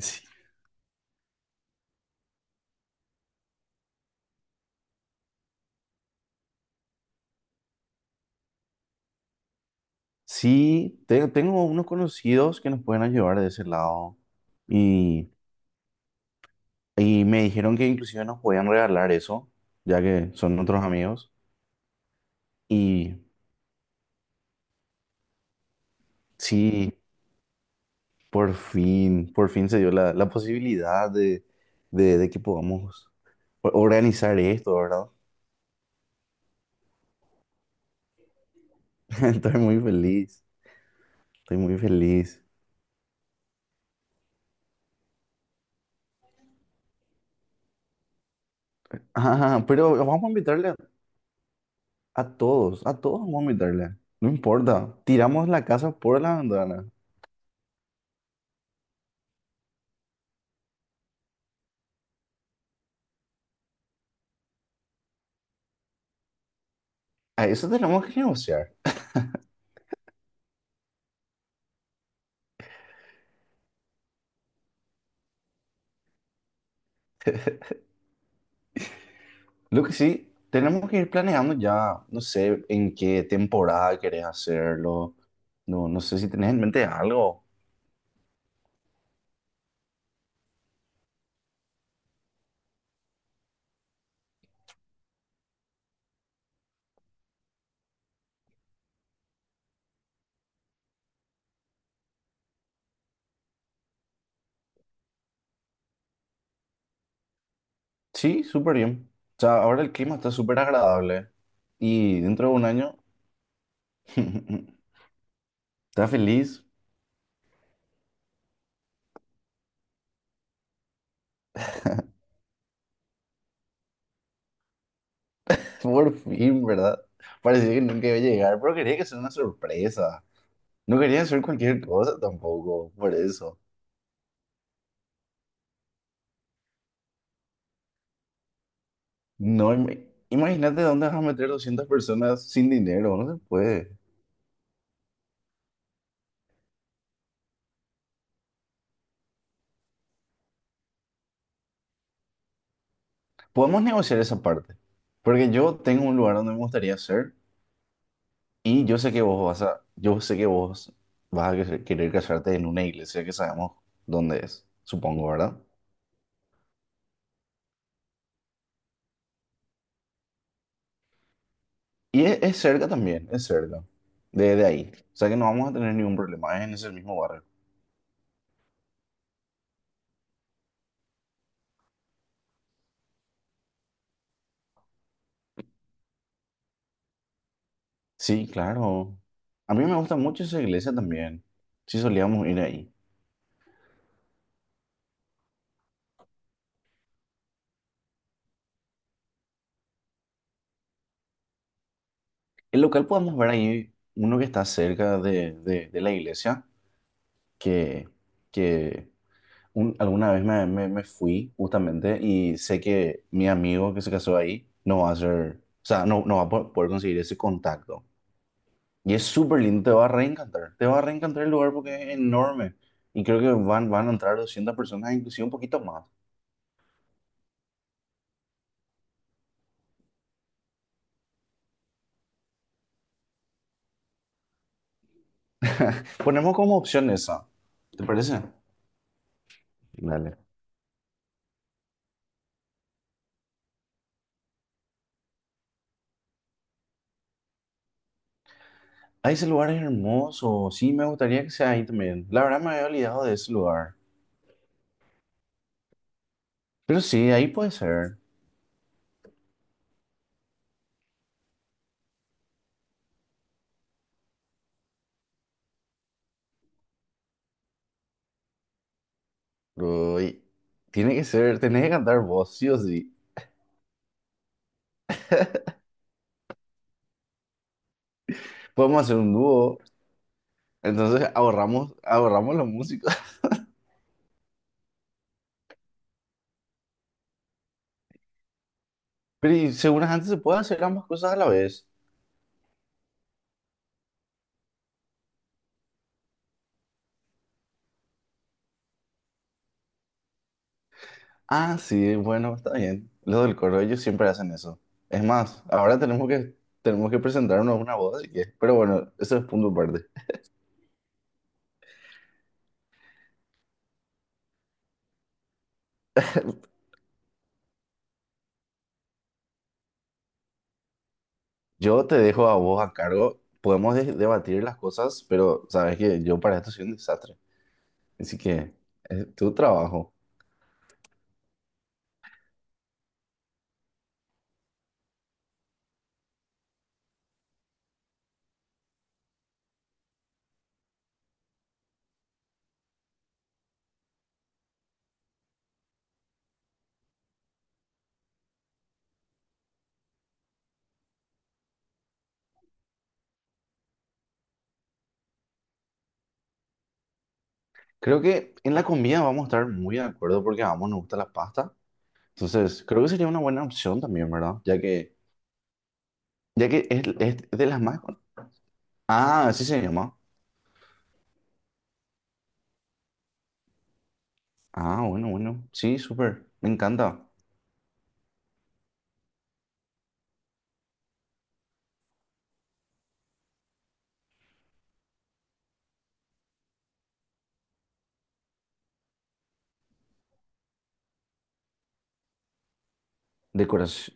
Sí, sí, tengo unos conocidos que nos pueden ayudar de ese lado y, y me dijeron que inclusive nos podían regalar eso, ya que son otros amigos. Y sí, por fin se dio la posibilidad de que podamos organizar esto, ¿verdad? Estoy muy feliz, estoy muy feliz. Ah, pero vamos a invitarle a todos vamos a invitarle, no importa, tiramos la casa por la ventana. A eso tenemos que negociar. Lo que sí, tenemos que ir planeando ya, no sé en qué temporada querés hacerlo. No, no sé si tenés en mente algo. Sí, súper bien. O sea, ahora el clima está súper agradable. Y dentro de un año, está feliz. Por fin, ¿verdad? Parecía que nunca iba a llegar, pero quería que sea una sorpresa. No quería hacer cualquier cosa tampoco, por eso. No, imagínate dónde vas a meter 200 personas sin dinero, no se puede. Podemos negociar esa parte, porque yo tengo un lugar donde me gustaría ser y yo sé que vos vas a, yo sé que vos vas a querer querer casarte en una iglesia que sabemos dónde es, supongo, ¿verdad? Y es cerca también, es cerca, de ahí. O sea que no vamos a tener ningún problema, es en ese mismo barrio. Sí, claro. A mí me gusta mucho esa iglesia también. Sí, solíamos ir ahí. El local podemos ver ahí uno que está cerca de la iglesia, que, que alguna vez me fui justamente y sé que mi amigo que se casó ahí no va a ser, o sea, no, no va a poder conseguir ese contacto. Y es súper lindo, te va a reencantar, te va a reencantar el lugar porque es enorme. Y creo que van a entrar 200 personas, inclusive un poquito más. Ponemos como opción esa, ¿te parece? Dale. Ah, ese lugar es hermoso, sí, me gustaría que sea ahí también. La verdad me había olvidado de ese lugar. Pero sí, ahí puede ser. Uy, tiene que ser, tenés que cantar vos, sí o sí. Podemos hacer un dúo, entonces ahorramos, ahorramos los músicos. Pero y según antes se puede hacer ambas cosas a la vez. Ah, sí, bueno, está bien. Los del coro, ellos siempre hacen eso. Es más, ahora tenemos que presentarnos a una boda, así que, pero bueno, eso es punto aparte. Yo te dejo a vos a cargo, podemos debatir las cosas, pero sabes que yo para esto soy un desastre. Así que es tu trabajo. Creo que en la comida vamos a estar muy de acuerdo porque a ambos nos gusta la pasta. Entonces, creo que sería una buena opción también, ¿verdad? Ya que es de las más, con... Ah, así se llama. Ah, bueno, bueno. Sí, súper. Me encanta. Decoración.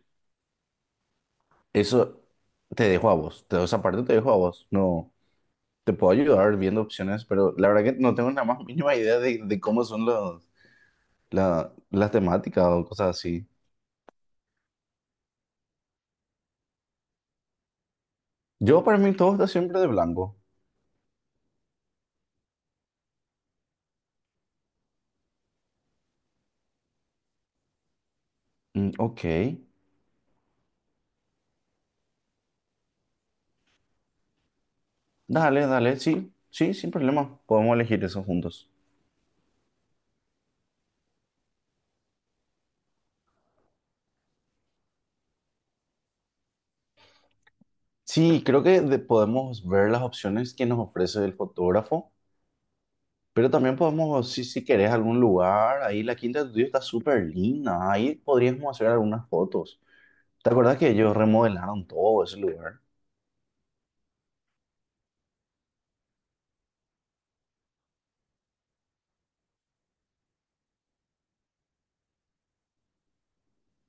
Eso te dejo a vos. Te, esa parte te dejo a vos. No, te puedo ayudar viendo opciones, pero la verdad que no tengo la más mínima idea de cómo son los, las temáticas o cosas así. Yo para mí todo está siempre de blanco. Mm, ok. Dale, dale. Sí, sí, sin problema. Podemos elegir eso juntos. Sí, creo que podemos ver las opciones que nos ofrece el fotógrafo, pero también podemos, si querés algún lugar, ahí la Quinta de Tuyo está súper linda, ahí podríamos hacer algunas fotos. ¿Te acuerdas que ellos remodelaron todo ese lugar?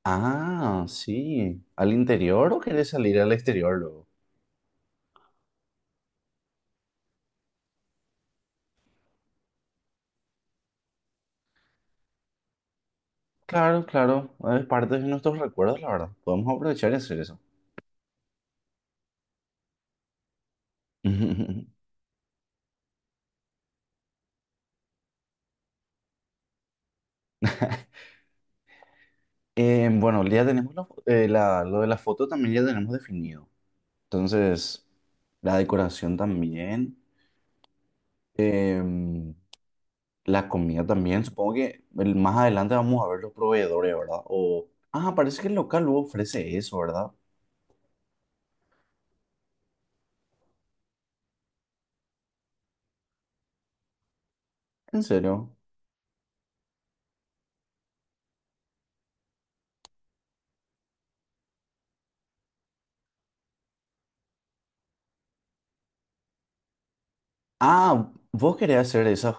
Ah, sí. ¿Al interior o querés salir al exterior luego? Claro, claro, es parte de nuestros recuerdos, la verdad. Podemos aprovechar y hacer eso. Bueno, ya tenemos lo de la foto, también ya tenemos definido. Entonces, la decoración también, em, la comida también. Supongo que el, más adelante vamos a ver los proveedores, ¿verdad? O, ah, parece que el local luego ofrece eso, ¿verdad? ¿En serio? Ah, vos querés hacer esas,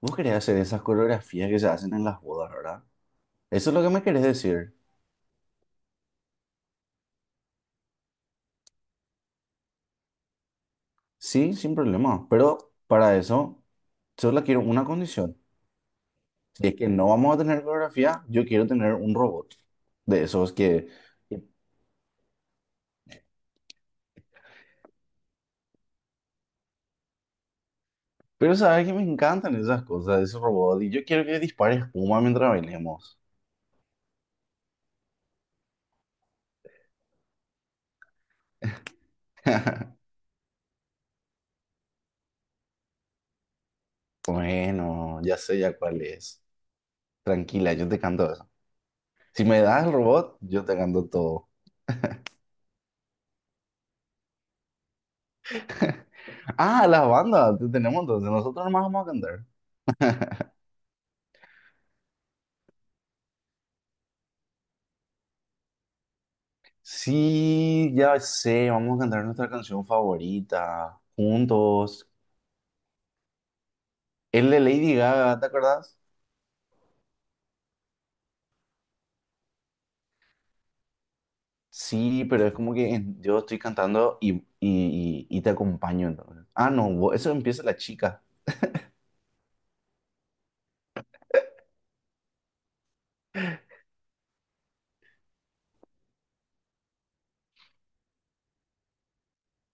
vos querés hacer esas coreografías que se hacen en las bodas, ¿verdad? Eso es lo que me querés decir. Sí, sin problema. Pero para eso, solo quiero una condición. Si es que no vamos a tener coreografía, yo quiero tener un robot de esos que... Pero sabes que me encantan esas cosas de ese robot y yo quiero que dispare espuma mientras bailemos. Bueno, ya sé ya cuál es. Tranquila, yo te canto eso. Si me das el robot, yo te canto todo. Ah, las bandas, te tenemos entonces. Nosotros nomás vamos a cantar. Sí, ya sé, vamos a cantar nuestra canción favorita. Juntos. Es de Lady Gaga, ¿te acordás? Sí, pero es como que en, yo estoy cantando y te acompaño entonces. Ah, no, vos, eso empieza la chica.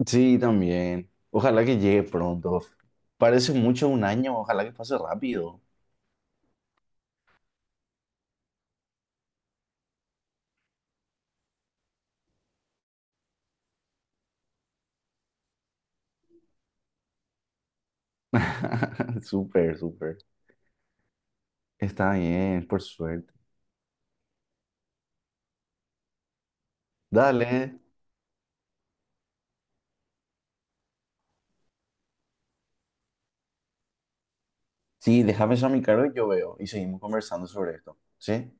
Sí, también. Ojalá que llegue pronto. Parece mucho un año, ojalá que pase rápido. Súper, súper. Está bien, por suerte. Dale. Sí, déjame eso a mi cargo y yo veo. Y seguimos conversando sobre esto. ¿Sí?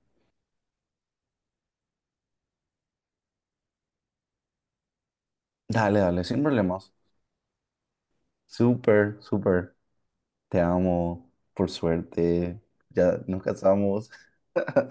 Dale, dale, sin problemas. Súper, súper. Te amo, por suerte. Ya nos casamos.